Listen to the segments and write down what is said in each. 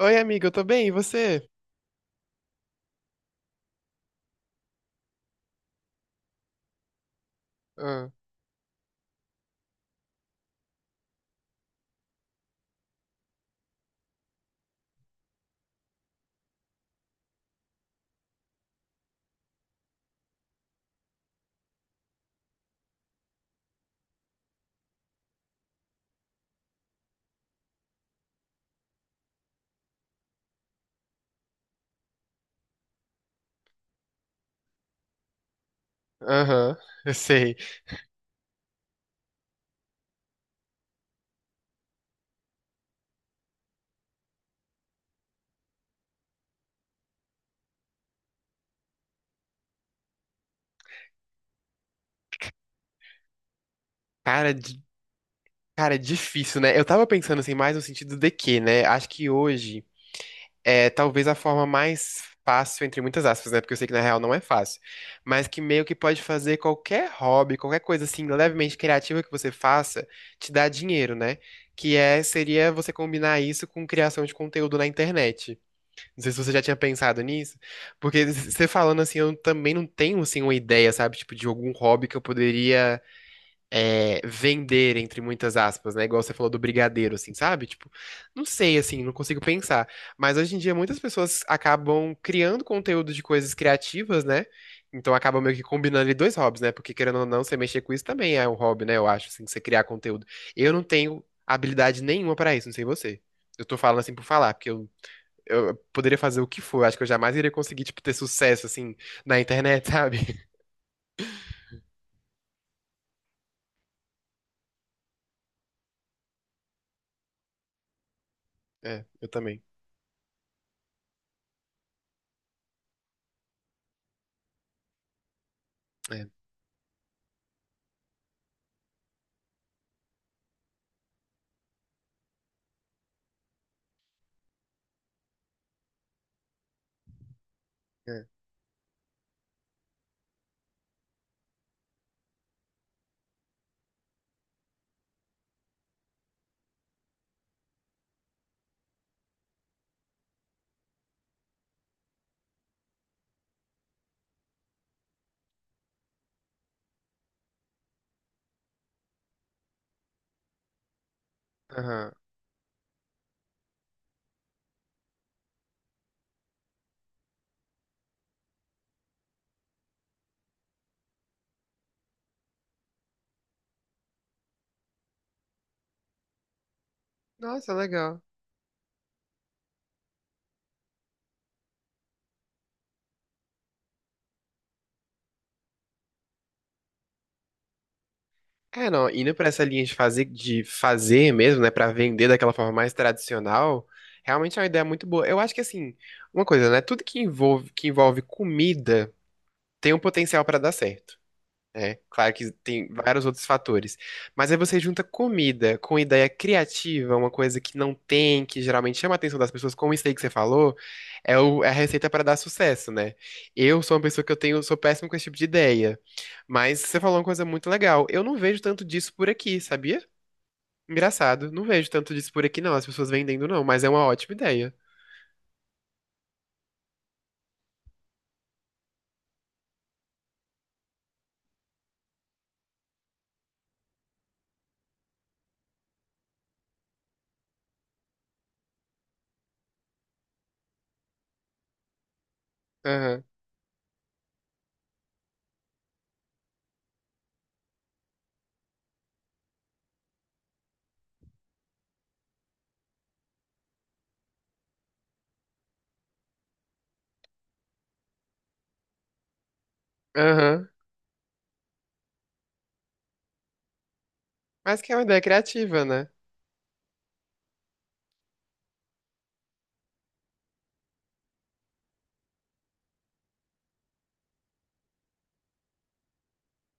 Oi, amiga, eu tô bem, e você? Ah, aham, eu sei. Cara, cara, é difícil, né? Eu tava pensando assim, mais no sentido de que, né? Acho que hoje é talvez a forma mais fácil, entre muitas aspas, né? Porque eu sei que na real não é fácil. Mas que meio que pode fazer qualquer hobby, qualquer coisa assim, levemente criativa que você faça, te dá dinheiro, né? Que é, seria você combinar isso com criação de conteúdo na internet. Não sei se você já tinha pensado nisso, porque você falando assim, eu também não tenho assim uma ideia, sabe, tipo de algum hobby que eu poderia é, vender entre muitas aspas, né? Igual você falou do brigadeiro, assim, sabe? Tipo, não sei, assim, não consigo pensar. Mas hoje em dia muitas pessoas acabam criando conteúdo de coisas criativas, né? Então acaba meio que combinando ali dois hobbies, né? Porque querendo ou não, você mexer com isso também é um hobby, né? Eu acho, assim, você criar conteúdo. Eu não tenho habilidade nenhuma pra isso, não sei você. Eu tô falando assim por falar, porque eu poderia fazer o que for. Acho que eu jamais iria conseguir, tipo, ter sucesso, assim, na internet, sabe? É, eu também. É, é. Aham. Nossa, legal. É, não, indo pra essa linha de fazer mesmo, né, pra vender daquela forma mais tradicional, realmente é uma ideia muito boa. Eu acho que, assim, uma coisa, né, tudo que envolve comida tem um potencial pra dar certo. É, claro que tem vários outros fatores. Mas aí você junta comida com ideia criativa, uma coisa que não tem, que geralmente chama a atenção das pessoas, como isso aí que você falou, é, é a receita para dar sucesso, né? Eu sou uma pessoa que eu tenho, sou péssimo com esse tipo de ideia. Mas você falou uma coisa muito legal. Eu não vejo tanto disso por aqui, sabia? Engraçado. Não vejo tanto disso por aqui, não. As pessoas vendendo, não. Mas é uma ótima ideia. Aham. Aham. Mas que é uma ideia criativa, né?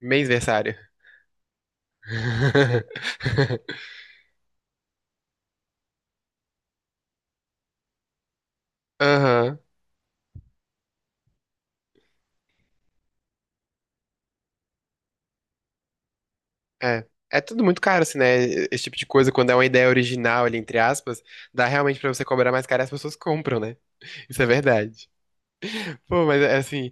Mêsversário. Aham. É. É tudo muito caro, assim, né? Esse tipo de coisa, quando é uma ideia original ali, entre aspas, dá realmente pra você cobrar mais caro e as pessoas compram, né? Isso é verdade. Pô, mas é, assim,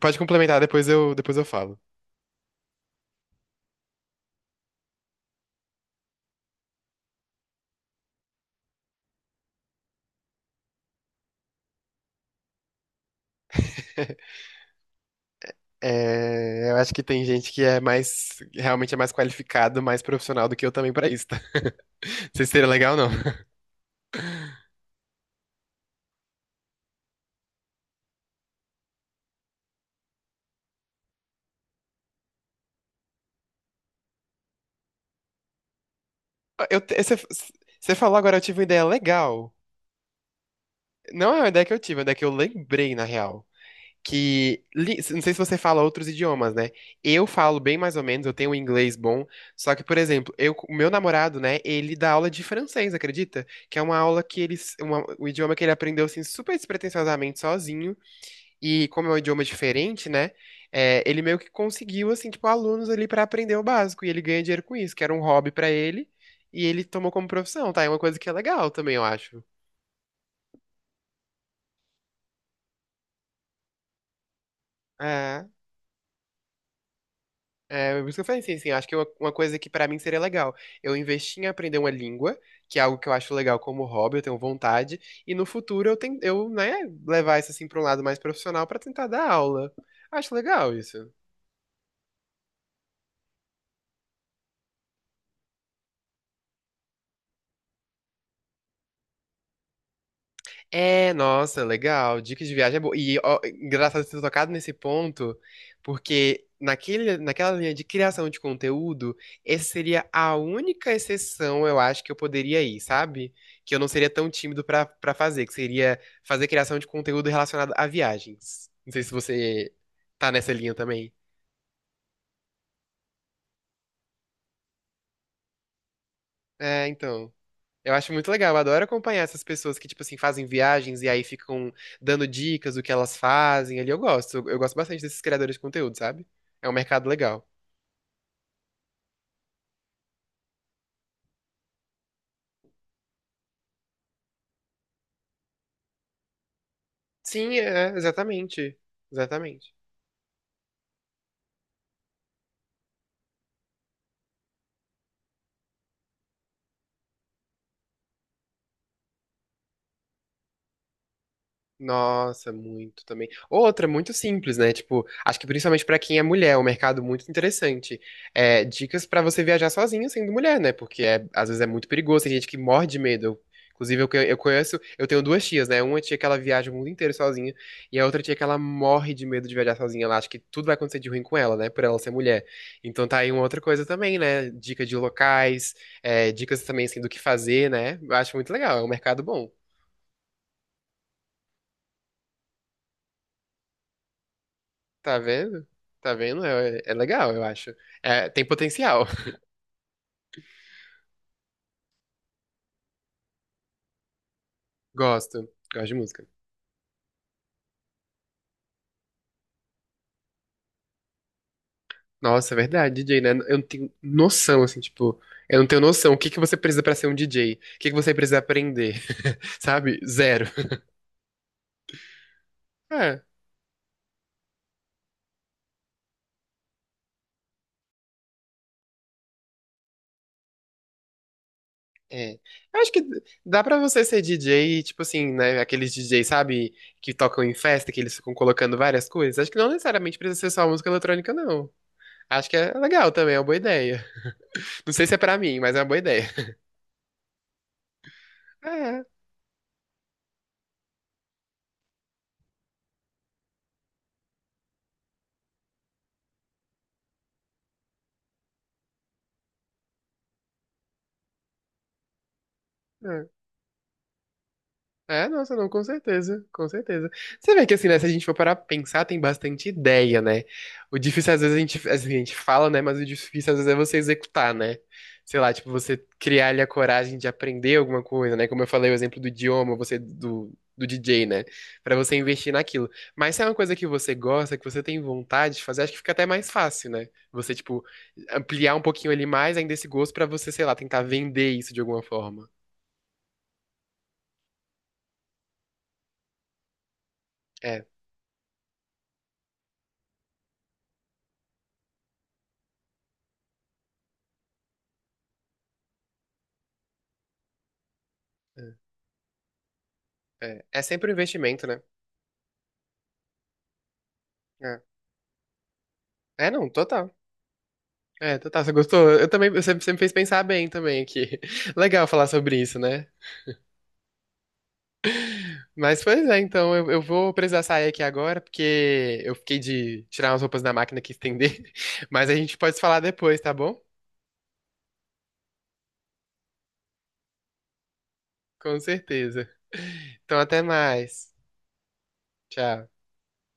pode complementar, depois eu falo. É, eu acho que tem gente que é mais, realmente é mais qualificado, mais profissional do que eu também pra isso, tá? Vocês seria legal ou não? Eu, te- você, você falou agora, eu tive uma ideia legal. Não é uma ideia que eu tive, é uma ideia que eu lembrei, na real. Não sei se você fala outros idiomas, né? Eu falo bem mais ou menos, eu tenho um inglês bom, só que, por exemplo, eu, o meu namorado, né, ele dá aula de francês, acredita? Que é uma aula que ele, um idioma que ele aprendeu assim super despretensiosamente sozinho, e como é um idioma diferente, né? É, ele meio que conseguiu assim, tipo, alunos ali pra aprender o básico, e ele ganha dinheiro com isso, que era um hobby pra ele, e ele tomou como profissão, tá? É uma coisa que é legal também, eu acho. É. É, por isso que eu falei, assim sim. Acho que uma coisa que pra mim seria legal. Eu investir em aprender uma língua, que é algo que eu acho legal como hobby, eu tenho vontade, e no futuro eu tenho, eu, né, levar isso assim pra um lado mais profissional pra tentar dar aula. Acho legal isso. É, nossa, legal. Dicas de viagem é boa. E ó, engraçado você ter tocado nesse ponto, porque naquela linha de criação de conteúdo, essa seria a única exceção, eu acho, que eu poderia ir, sabe? Que eu não seria tão tímido pra para fazer, que seria fazer criação de conteúdo relacionado a viagens. Não sei se você tá nessa linha também. É, então. Eu acho muito legal, eu adoro acompanhar essas pessoas que, tipo assim, fazem viagens e aí ficam dando dicas do que elas fazem ali. Eu gosto bastante desses criadores de conteúdo, sabe? É um mercado legal. Sim, é, exatamente. Exatamente. Nossa, muito também. Outra, muito simples, né? Tipo, acho que principalmente pra quem é mulher, é um mercado muito interessante. É, dicas pra você viajar sozinha sendo mulher, né? Porque é, às vezes é muito perigoso, tem gente que morre de medo. Inclusive, eu, eu conheço, eu tenho duas tias, né? Uma tia que ela viaja o mundo inteiro sozinha, e a outra tia que ela morre de medo de viajar sozinha. Ela acha que tudo vai acontecer de ruim com ela, né? Por ela ser mulher. Então tá aí uma outra coisa também, né? Dica de locais, é, dicas também assim, do que fazer, né? Eu acho muito legal, é um mercado bom. Tá vendo? Tá vendo? É, é legal, eu acho. É, tem potencial. Gosto. Gosto de música. Nossa, é verdade, DJ, né? Eu não tenho noção, assim, tipo, eu não tenho noção. O que que você precisa pra ser um DJ? O que que você precisa aprender? Sabe? Zero. Ah, é. Eu acho que dá pra você ser DJ, tipo assim, né? Aqueles DJs, sabe? Que tocam em festa, que eles ficam colocando várias coisas. Acho que não necessariamente precisa ser só música eletrônica, não. Acho que é legal também, é uma boa ideia. Não sei se é pra mim, mas é uma boa ideia. É, é. É, nossa, não, com certeza, com certeza. Você vê que assim, né, se a gente for parar pra pensar, tem bastante ideia, né? O difícil às vezes a gente, assim, a gente fala, né, mas o difícil às vezes é você executar, né? Sei lá, tipo, você criar ali a coragem de aprender alguma coisa, né? Como eu falei, o exemplo do idioma, você do DJ, né? Pra você investir naquilo. Mas se é uma coisa que você gosta, que você tem vontade de fazer, acho que fica até mais fácil, né? Você, tipo, ampliar um pouquinho ali mais ainda esse gosto pra você, sei lá, tentar vender isso de alguma forma. É, é, é. É sempre um investimento, né? É, é, não, total. É, total, você gostou? Eu também, você me fez pensar bem também aqui. Legal falar sobre isso, né? Mas, pois é, então, eu vou precisar sair aqui agora, porque eu fiquei de tirar umas roupas da máquina que estender, mas a gente pode se falar depois, tá bom? Com certeza. Então, até mais. Tchau.